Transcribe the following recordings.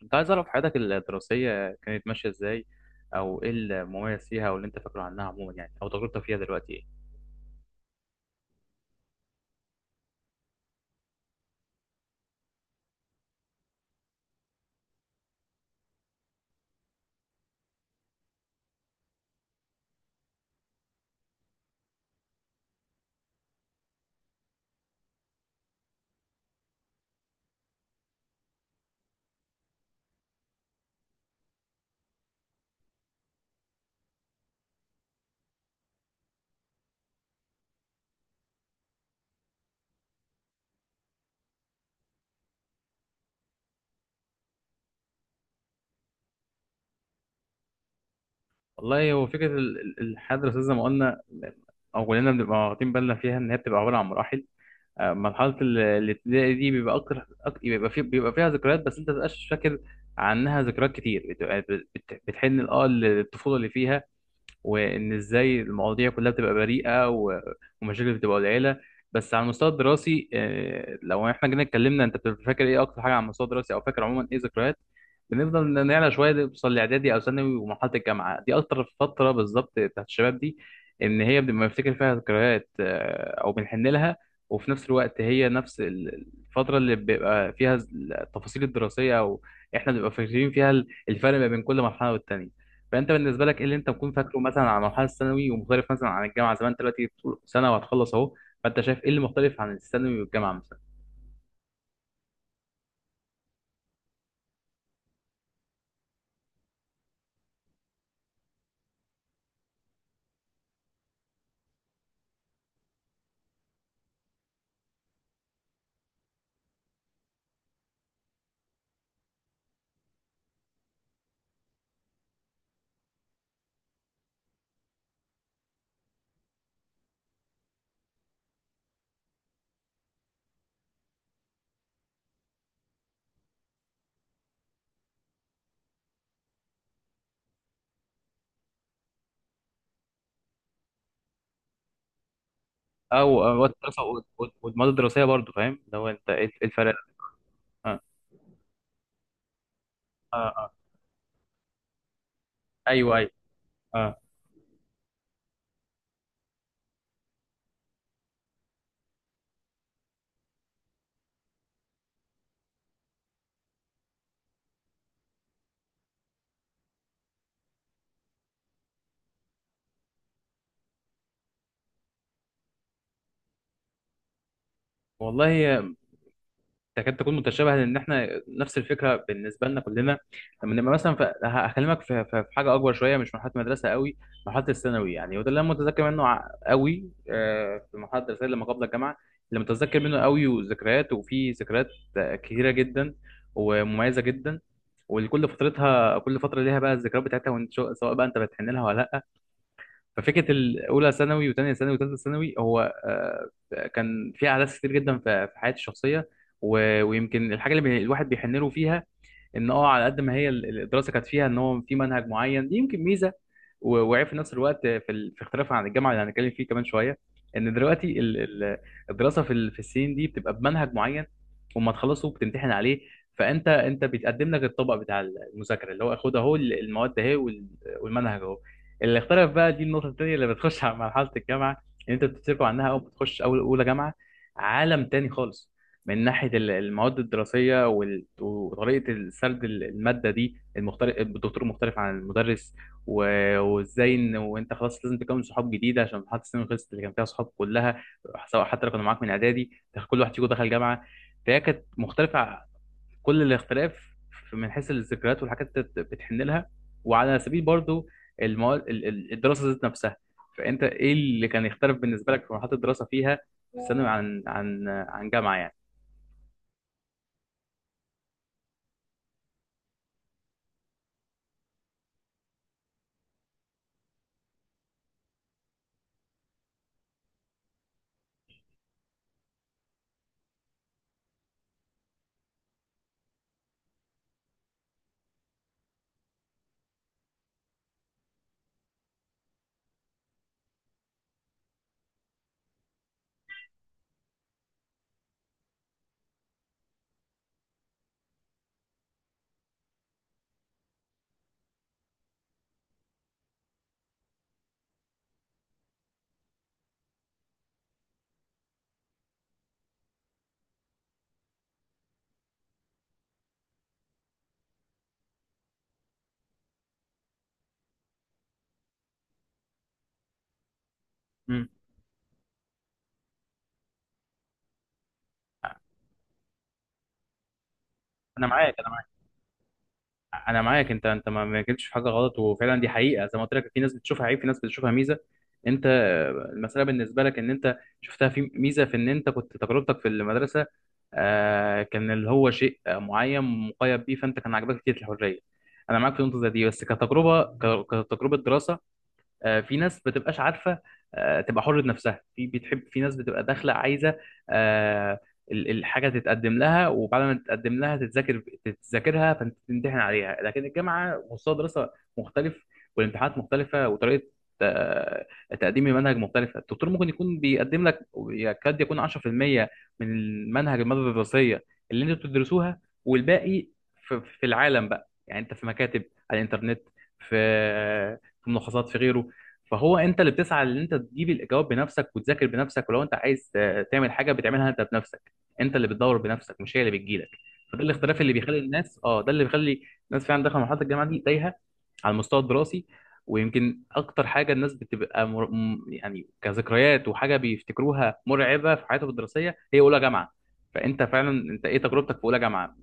كنت عايز أعرف حياتك الدراسية كانت ماشية إزاي، أو إيه المميز فيها، أو اللي أنت فاكره عنها عموما يعني، أو تجربتك فيها دلوقتي إيه؟ والله هو فكرة الحياة الدراسية زي ما قلنا، أو كلنا بنبقى واخدين بالنا فيها إن هي بتبقى عبارة عن مراحل. مرحلة الابتدائي دي بيبقى أكتر بيبقى فيها ذكريات، بس أنت مبتبقاش فاكر عنها ذكريات كتير، بتبقى بتحن للطفولة اللي فيها، وان ازاي المواضيع كلها بتبقى بريئه ومشاكل بتبقى قليله. بس على المستوى الدراسي، لو احنا جينا اتكلمنا انت بتبقى فاكر ايه اكتر حاجه على المستوى الدراسي، او فاكر عموما ايه ذكريات. بنفضل نعلى شويه نوصل لاعدادي او ثانوي، ومرحله الجامعه دي اكتر فتره بالظبط بتاعت الشباب دي، ان هي بنبقى بنفتكر فيها ذكريات، او بنحن لها. وفي نفس الوقت هي نفس الفتره اللي بيبقى فيها التفاصيل الدراسيه، او احنا بنبقى فاكرين فيها الفرق ما بين كل مرحله والتانيه. فانت بالنسبه لك ايه اللي انت ممكن فاكره مثلا عن مرحله الثانوي ومختلف مثلا عن الجامعه، زي ما انت دلوقتي بتقول سنه وهتخلص اهو؟ فانت شايف ايه اللي مختلف عن الثانوي والجامعه مثلا؟ او الدراسه والمواد الدراسيه برضه، فاهم اللي هو انت إيه الفرق؟ اه، اه. ايوه، ايوه. اه. والله، تكاد تكون متشابهه، لان احنا نفس الفكره بالنسبه لنا كلنا. لما نبقى مثلا في، هكلمك في، في حاجه اكبر شويه، مش مرحله مدرسه قوي، مرحله الثانوي يعني. وده اللي انا متذكر منه قوي، آه في مرحله الرسائل لما قبل الجامعه، اللي متذكر منه قوي، وذكريات، وفي ذكريات كتيره جدا ومميزه جدا. ولكل فترتها، كل فتره ليها بقى الذكريات بتاعتها، وإنت سواء بقى انت بتحن لها ولا لا. ففكره الاولى ثانوي وثانيه ثانوي وثالثه ثانوي، هو كان في احداث كتير جدا في حياتي الشخصيه. ويمكن الحاجه اللي الواحد بيحن له فيها، ان اه على قد ما هي الدراسه كانت فيها ان هو في منهج معين، دي يمكن ميزه وعيب في نفس الوقت في في اختلافها عن الجامعه اللي هنتكلم فيه كمان شويه. ان دلوقتي الدراسه في في السنين دي بتبقى بمنهج معين، وما تخلصه بتمتحن عليه. فانت انت بيتقدم لك الطبق بتاع المذاكره، اللي هو خد اهو المواد اهي والمنهج اهو. اللي اختلف بقى، دي النقطه الثانيه اللي بتخش على مرحله الجامعه، ان انت بتتركوا عنها اول ما تخش اول اولى جامعه. عالم تاني خالص، من ناحية المواد الدراسية وطريقة السرد المادة دي المختلف، الدكتور مختلف عن المدرس. وازاي ان وانت خلاص لازم تكون صحاب جديدة، عشان مرحلة السنين خلصت اللي كان فيها صحاب كلها، سواء حتى لو كانوا معاك من اعدادي، كل واحد فيكم دخل جامعة. فهي كانت مختلفة كل الاختلاف، من حيث الذكريات والحاجات اللي بتحن لها، وعلى سبيل برضو المواد الدراسة ذات نفسها. فانت ايه اللي كان يختلف بالنسبة لك في مرحلة الدراسة فيها، في الثانوي عن عن جامعة؟ يعني. انا معاك، انا معاك، انا معاك. انت انت ما جبتش في حاجه غلط، وفعلا دي حقيقه، زي ما قلت لك، في ناس بتشوفها عيب، في ناس بتشوفها ميزه. انت، المساله بالنسبه لك ان انت شفتها في ميزه، في ان انت كنت تجربتك في المدرسه كان اللي هو شيء معين مقيد بيه، فانت كان عاجبك كتير الحريه. انا معاك في نقطه زي دي، بس كتجربه كتجربه دراسه، في ناس بتبقاش عارفه، تبقى حره نفسها في بتحب، في ناس بتبقى داخله عايزه آه، الحاجه تتقدم لها، وبعد ما تتقدم لها تتذاكر تتذاكرها، فانت تمتحن عليها. لكن الجامعه مستوى دراسه مختلف، والامتحانات مختلفه، وطريقه آه، تقديم المنهج مختلفه. الدكتور ممكن يكون بيقدم لك يكاد يكون 10% من المنهج، الماده الدراسيه اللي انتوا بتدرسوها، والباقي في العالم بقى، يعني انت في مكاتب، على الانترنت، في في ملخصات، في غيره. فهو انت اللي بتسعى ان انت تجيب الاجابات بنفسك وتذاكر بنفسك، ولو انت عايز تعمل حاجه بتعملها انت بنفسك، انت اللي بتدور بنفسك، مش هي اللي بتجيلك. فده الاختلاف اللي بيخلي الناس، اه ده اللي بيخلي الناس فعلا داخله مرحله الجامعه دي تايهه على المستوى الدراسي. ويمكن اكتر حاجه الناس بتبقى يعني كذكريات وحاجه بيفتكروها مرعبه في حياتهم الدراسيه، هي اولى جامعه. فانت فعلا، انت ايه تجربتك في اولى جامعه،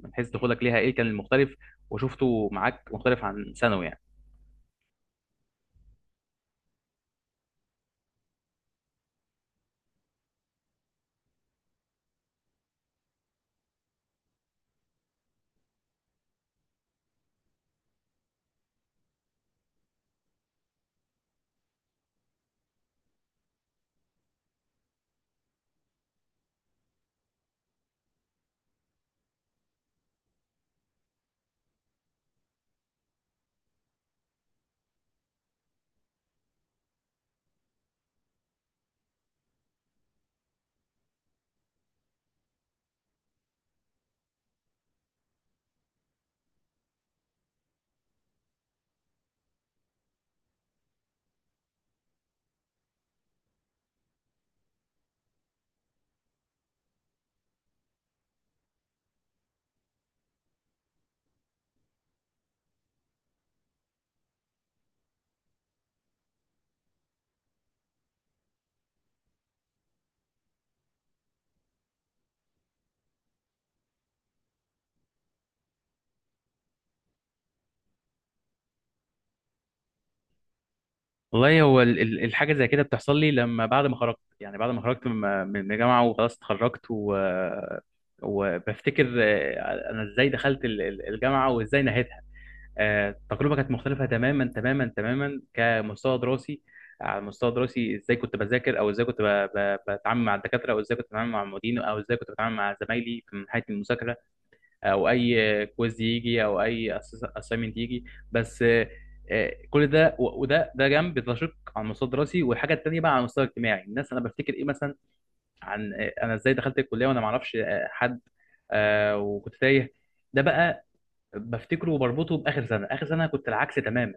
من حيث دخولك ليها ايه كان المختلف وشفته معاك مختلف عن ثانوي يعني؟ والله هو الحاجه زي كده بتحصل لي لما بعد ما خرجت، يعني بعد ما خرجت من الجامعه وخلاص اتخرجت. و... وبفتكر انا ازاي دخلت الجامعه وازاي نهيتها. التجربه كانت مختلفه تماما تماما تماما كمستوى دراسي. على المستوى الدراسي، ازاي كنت بذاكر، او ازاي كنت بتعامل مع الدكاتره، او ازاي كنت بتعامل مع المعيدين، او ازاي كنت بتعامل مع زمايلي في من حيث المذاكره، او اي كويز يجي، او اي اسايمنت يجي. بس كل ده وده جنب ده، شق على المستوى الدراسي. والحاجه التانيه بقى على المستوى الاجتماعي، الناس، انا بفتكر ايه مثلا عن، انا ازاي دخلت الكليه وانا ما اعرفش حد، وكنت تايه. ده بقى بفتكره وبربطه باخر سنه، اخر سنه كنت العكس تماما.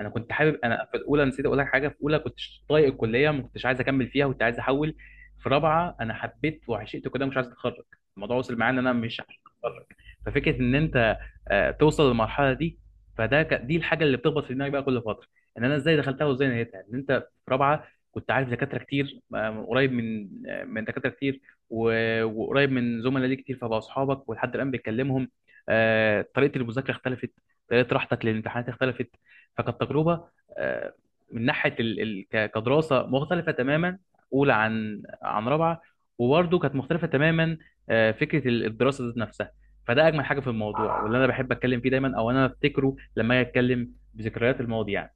انا كنت حابب، انا في الاولى نسيت اقول لك حاجه، في اولى كنت طايق الكليه، ما كنتش عايز اكمل فيها، كنت عايز احول. في رابعه انا حبيت وعشقت كده، مش عايز اتخرج، الموضوع وصل معايا ان انا مش عايز اتخرج. ففكره ان انت توصل للمرحله دي، فده دي الحاجه اللي بتخبط في دماغي بقى كل فتره، ان انا ازاي دخلتها وازاي نهيتها، ان انت في رابعه كنت عارف دكاتره كتير قريب من من دكاتره كتير وقريب من زملاء ليك كتير، فبقوا اصحابك ولحد الان بتكلمهم. طريقه المذاكره اختلفت، طريقه راحتك للامتحانات اختلفت. فكانت تجربه آه، من ناحيه ال، ال، كدراسه مختلفه تماما، اولى عن رابعه. وبرده كانت مختلفه تماما، فكره الدراسه ذات نفسها. فده اجمل حاجه في الموضوع واللي انا بحب اتكلم فيه دايما، او انا افتكره لما اجي اتكلم بذكريات الماضي يعني.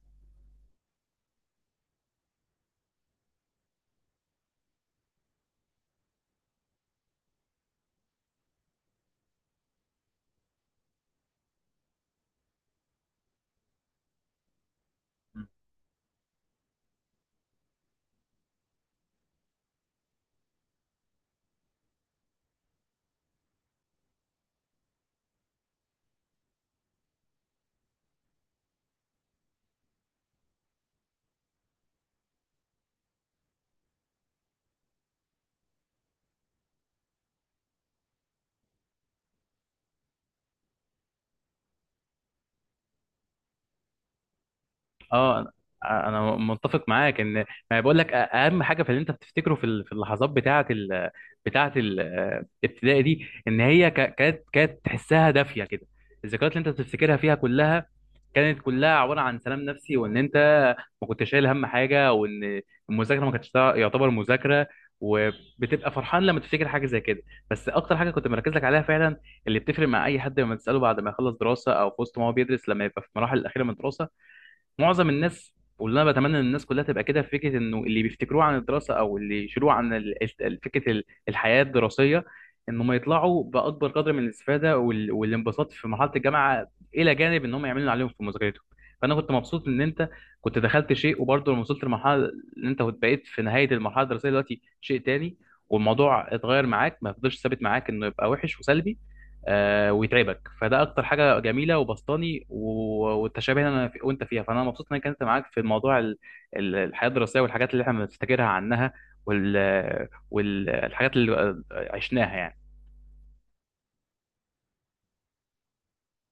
اه انا، أنا متفق معاك ان، ما بقول لك، اهم حاجه في اللي انت بتفتكره في في اللحظات بتاعه ال، بتاعه الابتدائي دي، ان هي كانت تحسها دافيه كده. الذكريات اللي انت بتفتكرها فيها كلها كانت كلها عباره عن سلام نفسي، وان انت ما كنتش شايل هم حاجه، وان المذاكره ما كانتش يعتبر مذاكره، وبتبقى فرحان لما تفتكر حاجه زي كده. بس اكتر حاجه كنت مركز لك عليها فعلا، اللي بتفرق مع اي حد لما تساله بعد ما يخلص دراسه، او في وسط ما هو بيدرس لما يبقى في المراحل الاخيره من الدراسه، معظم الناس، واللي انا بتمنى ان الناس كلها تبقى كده، في فكره انه اللي بيفتكروه عن الدراسه، او اللي يشيلوه عن فكره الحياه الدراسيه، انهم يطلعوا باكبر قدر من الاستفاده والانبساط في مرحله الجامعه، الى جانب انهم يعملوا اللي عليهم في مذاكرتهم. فانا كنت مبسوط ان انت كنت دخلت شيء، وبرضه لما وصلت لمرحله، ان انت كنت بقيت في نهايه المرحله الدراسيه دلوقتي شيء تاني، والموضوع اتغير معاك، ما فضلش ثابت معاك انه يبقى وحش وسلبي ويتعبك. فده اكتر حاجه جميله وبسطاني والتشابه انا في وانت فيها، فانا مبسوط ان انا كنت معاك في موضوع الحياه الدراسيه والحاجات اللي احنا بنفتكرها عنها، والحاجات اللي عشناها يعني.